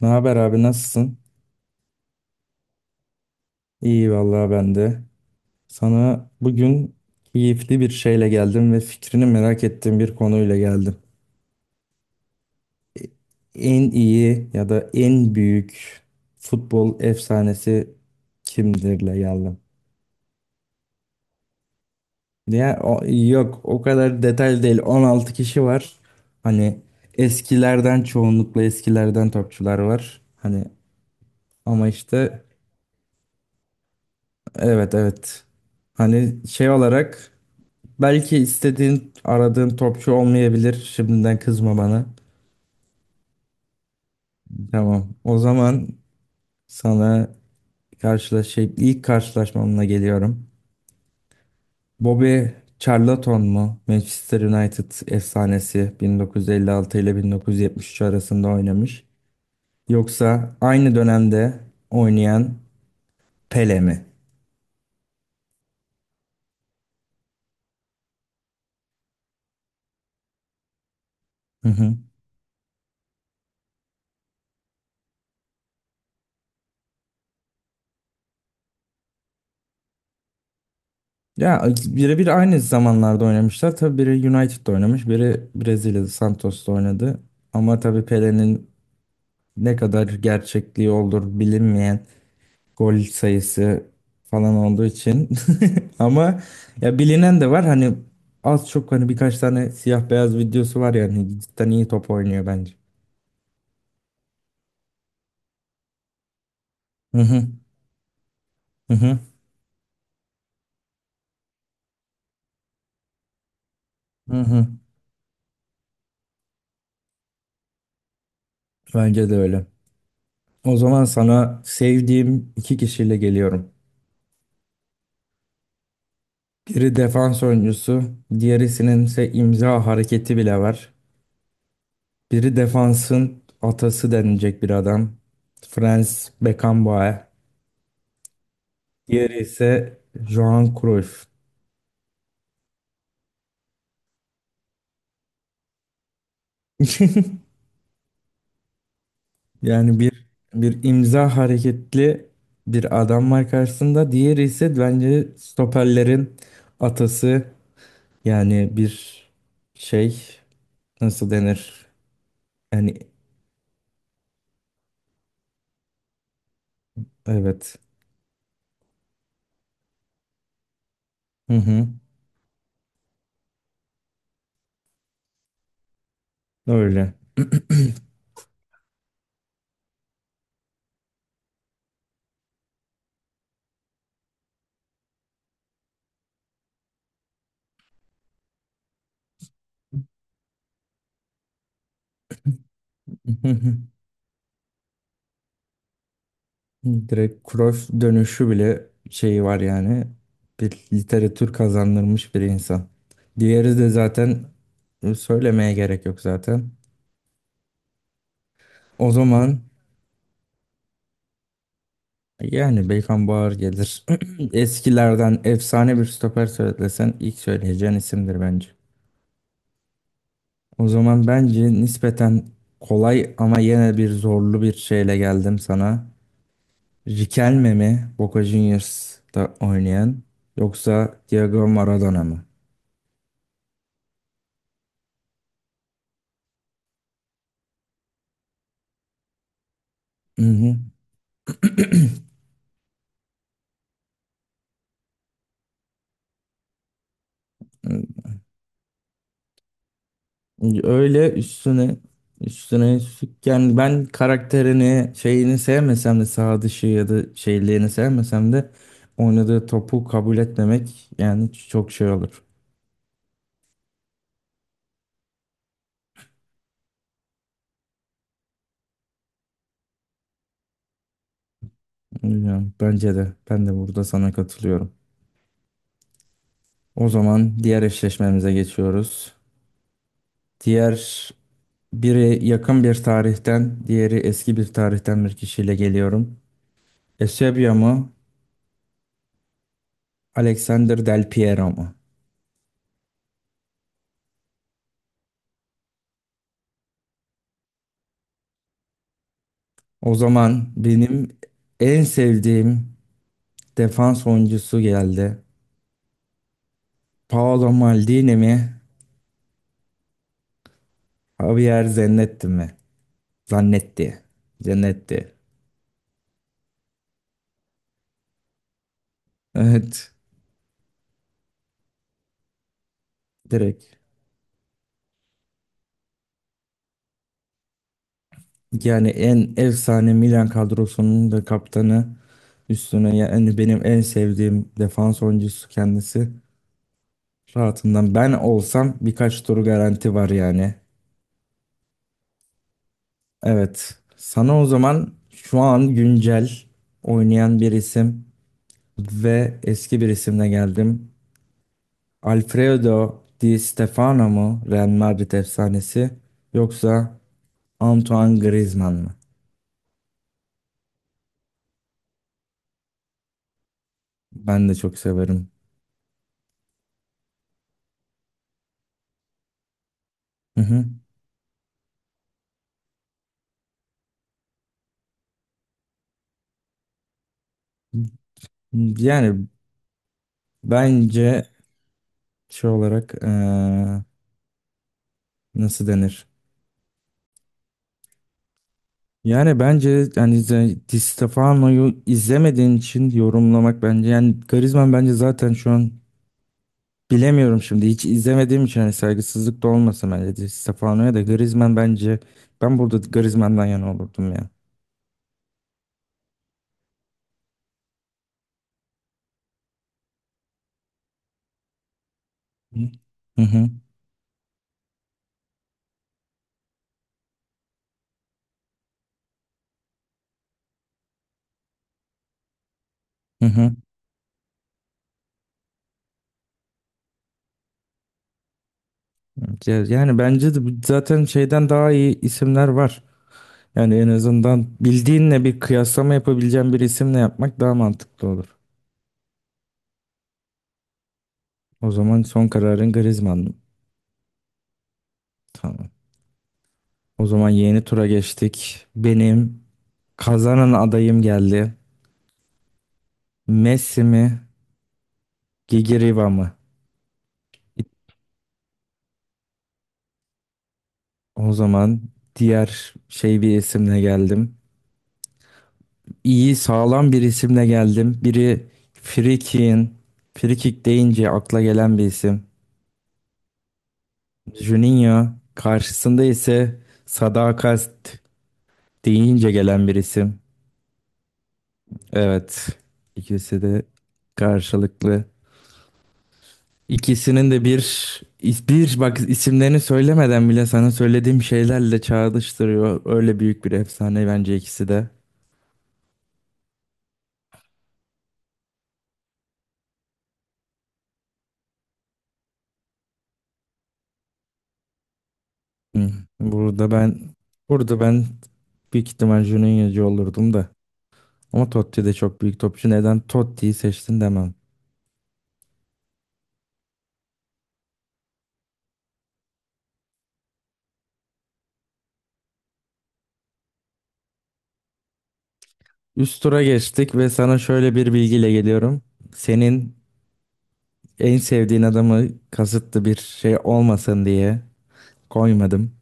Ne haber abi nasılsın? İyi vallahi ben de. Sana bugün keyifli bir şeyle geldim ve fikrini merak ettiğim bir konuyla geldim. En iyi ya da en büyük futbol efsanesi kimdirle geldim. Ya yok o kadar detaylı değil. 16 kişi var. Hani eskilerden çoğunlukla eskilerden topçular var. Hani ama işte evet, evet. Hani şey olarak belki istediğin, aradığın topçu olmayabilir. Şimdiden kızma bana. Tamam. O zaman sana şey, ilk karşılaşmamla geliyorum. Bobby Charlton mu? Manchester United efsanesi 1956 ile 1973 arasında oynamış. Yoksa aynı dönemde oynayan Pele mi? Hı hı. Ya birebir aynı zamanlarda oynamışlar. Tabii biri United'da oynamış, biri Brezilya'da Santos'ta oynadı. Ama tabii Pele'nin ne kadar gerçekliği olur bilinmeyen gol sayısı falan olduğu için ama ya bilinen de var hani az çok hani birkaç tane siyah beyaz videosu var yani cidden iyi top oynuyor bence. Hı hı, hı hı, hı hı. Bence de öyle. O zaman sana sevdiğim iki kişiyle geliyorum. Biri defans oyuncusu, diğerisinin ise imza hareketi bile var. Biri defansın atası denilecek bir adam. Franz Beckenbauer. Diğeri ise Johan Cruyff. Yani bir imza hareketli bir adam var karşısında. Diğeri ise bence stoperlerin atası. Yani bir şey, nasıl denir? Yani evet. Hı hı. Öyle. Hı hı. Direkt Cruyff dönüşü bile şeyi var yani. Bir literatür kazandırmış bir insan. Diğeri de zaten söylemeye gerek yok zaten. O zaman yani Beykan Bağır gelir. Eskilerden efsane bir stoper söylesen ilk söyleyeceğin isimdir bence. O zaman bence nispeten kolay ama yine bir zorlu bir şeyle geldim sana. Riquelme mi Boca Juniors'ta oynayan yoksa Diego Maradona mı? Hı hı. Öyle üstüne üstlük yani ben karakterini şeyini sevmesem de sağ dışı ya da şeyliğini sevmesem de oynadığı topu kabul etmemek yani çok şey olur. Bilmiyorum, bence de ben de burada sana katılıyorum. O zaman diğer eşleşmemize geçiyoruz. Diğer biri yakın bir tarihten, diğeri eski bir tarihten bir kişiyle geliyorum. Eusebio mu, Alexander Del Piero mu? O zaman benim en sevdiğim defans oyuncusu geldi. Paolo Maldini mi? Javier Zanetti mi? Zanetti. Zanetti. Evet. Direkt. Yani en efsane Milan kadrosunun da kaptanı, üstüne yani benim en sevdiğim defans oyuncusu kendisi. Rahatından ben olsam birkaç tur garanti var yani. Evet. Sana o zaman şu an güncel oynayan bir isim ve eski bir isimle geldim. Alfredo Di Stefano mu Real Madrid efsanesi yoksa Antoine Griezmann mı? Ben de çok severim. Hı hı. Yani bence şey olarak nasıl denir? Yani bence yani Di Stefano'yu izlemediğin için yorumlamak bence, yani Griezmann bence zaten şu an bilemiyorum şimdi hiç izlemediğim için hani saygısızlık da olmasın, bence Di Stefano'ya da Griezmann, bence ben burada Griezmann'dan yana olurdum ya. Hı hı. Hı hı. Evet, yani bence de zaten şeyden daha iyi isimler var. Yani en azından bildiğinle bir kıyaslama yapabileceğin bir isimle yapmak daha mantıklı olur. O zaman son kararın Griezmann. Tamam. O zaman yeni tura geçtik. Benim kazanan adayım geldi. Messi mi? Gigiriva mı? O zaman diğer şey bir isimle geldim. İyi sağlam bir isimle geldim. Biri Free Kick'in. Free Kick deyince akla gelen bir isim. Juninho karşısında ise sadakat deyince gelen bir isim. Evet. ikisi de karşılıklı. İkisinin de bir bir bak, isimlerini söylemeden bile sana söylediğim şeylerle çağrıştırıyor. Öyle büyük bir efsane bence ikisi de. Hı. Burada ben burada ben büyük ihtimal Juninho'cu olurdum da. Ama Totti de çok büyük topçu. Neden Totti'yi seçtin demem. Üst tura geçtik ve sana şöyle bir bilgiyle geliyorum. Senin en sevdiğin adamı kasıtlı bir şey olmasın diye koymadım.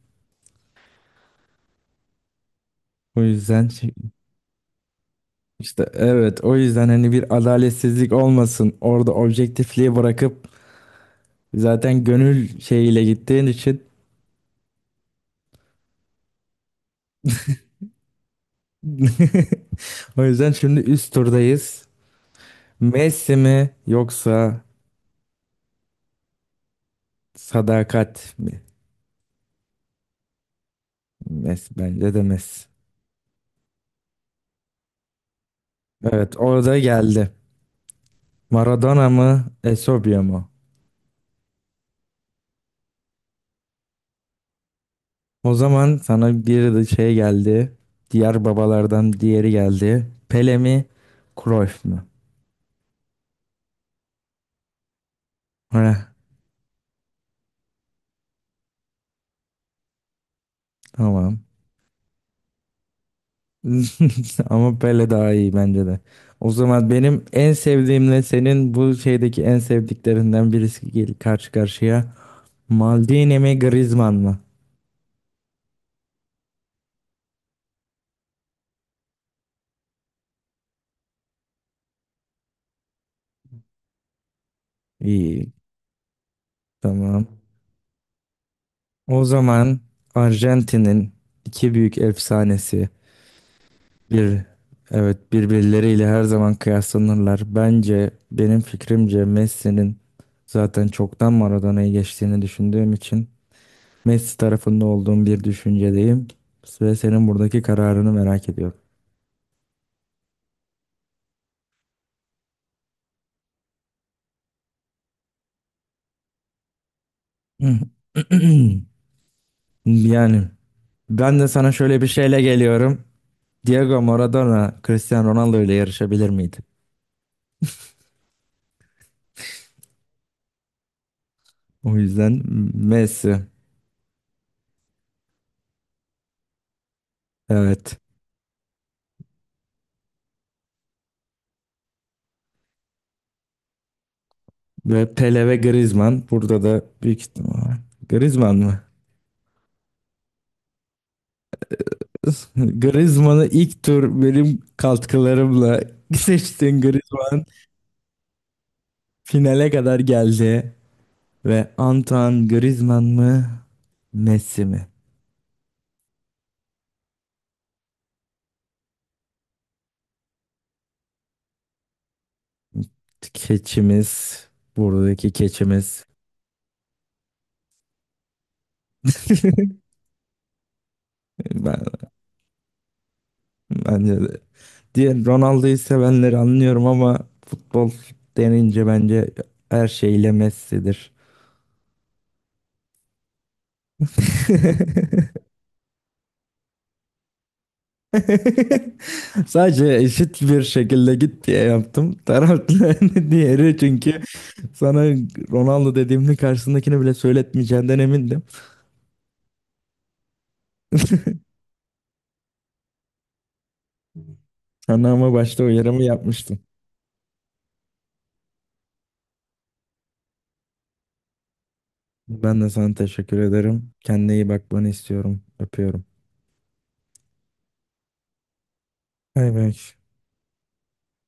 O yüzden işte evet, o yüzden hani bir adaletsizlik olmasın. Orada objektifliği bırakıp zaten gönül şeyiyle gittiğin için. O yüzden şimdi üst turdayız. Messi mi yoksa sadakat mi? Messi, bence de Messi. Evet, orada geldi. Maradona mı Eusebio mu? O zaman sana bir de şey geldi. Diğer babalardan diğeri geldi. Pele mi? Cruyff mu? Heh, tamam. Ama Pele daha iyi bence de. O zaman benim en sevdiğimle senin bu şeydeki en sevdiklerinden birisi gel karşı karşıya. Maldini mi Griezmann mı? İyi, tamam. O zaman Arjantin'in iki büyük efsanesi, bir, evet, birbirleriyle her zaman kıyaslanırlar. Bence benim fikrimce Messi'nin zaten çoktan Maradona'yı geçtiğini düşündüğüm için Messi tarafında olduğum bir düşüncedeyim ve senin buradaki kararını merak ediyorum. Yani ben de sana şöyle bir şeyle geliyorum. Diego Maradona Cristiano Ronaldo ile yarışabilir miydi? O yüzden Messi. Evet. Ve Pele ve Griezmann. Burada da büyük ihtimal. Griezmann mı? Griezmann'ı ilk tur benim katkılarımla seçtiğin Griezmann finale kadar geldi. Ve Antoine Griezmann mı Messi mi? Keçimiz, buradaki keçimiz. Ben, bence de. Diğer Ronaldo'yu sevenleri anlıyorum ama futbol denince bence her şeyle Messi'dir. Sadece eşit bir şekilde git diye yaptım. Taraflı diğeri çünkü sana Ronaldo dediğimde karşısındakini bile söyletmeyeceğinden emindim. Sana ama başta uyarımı yapmıştım. Ben de sana teşekkür ederim. Kendine iyi bakmanı istiyorum. Öpüyorum. Bay bay.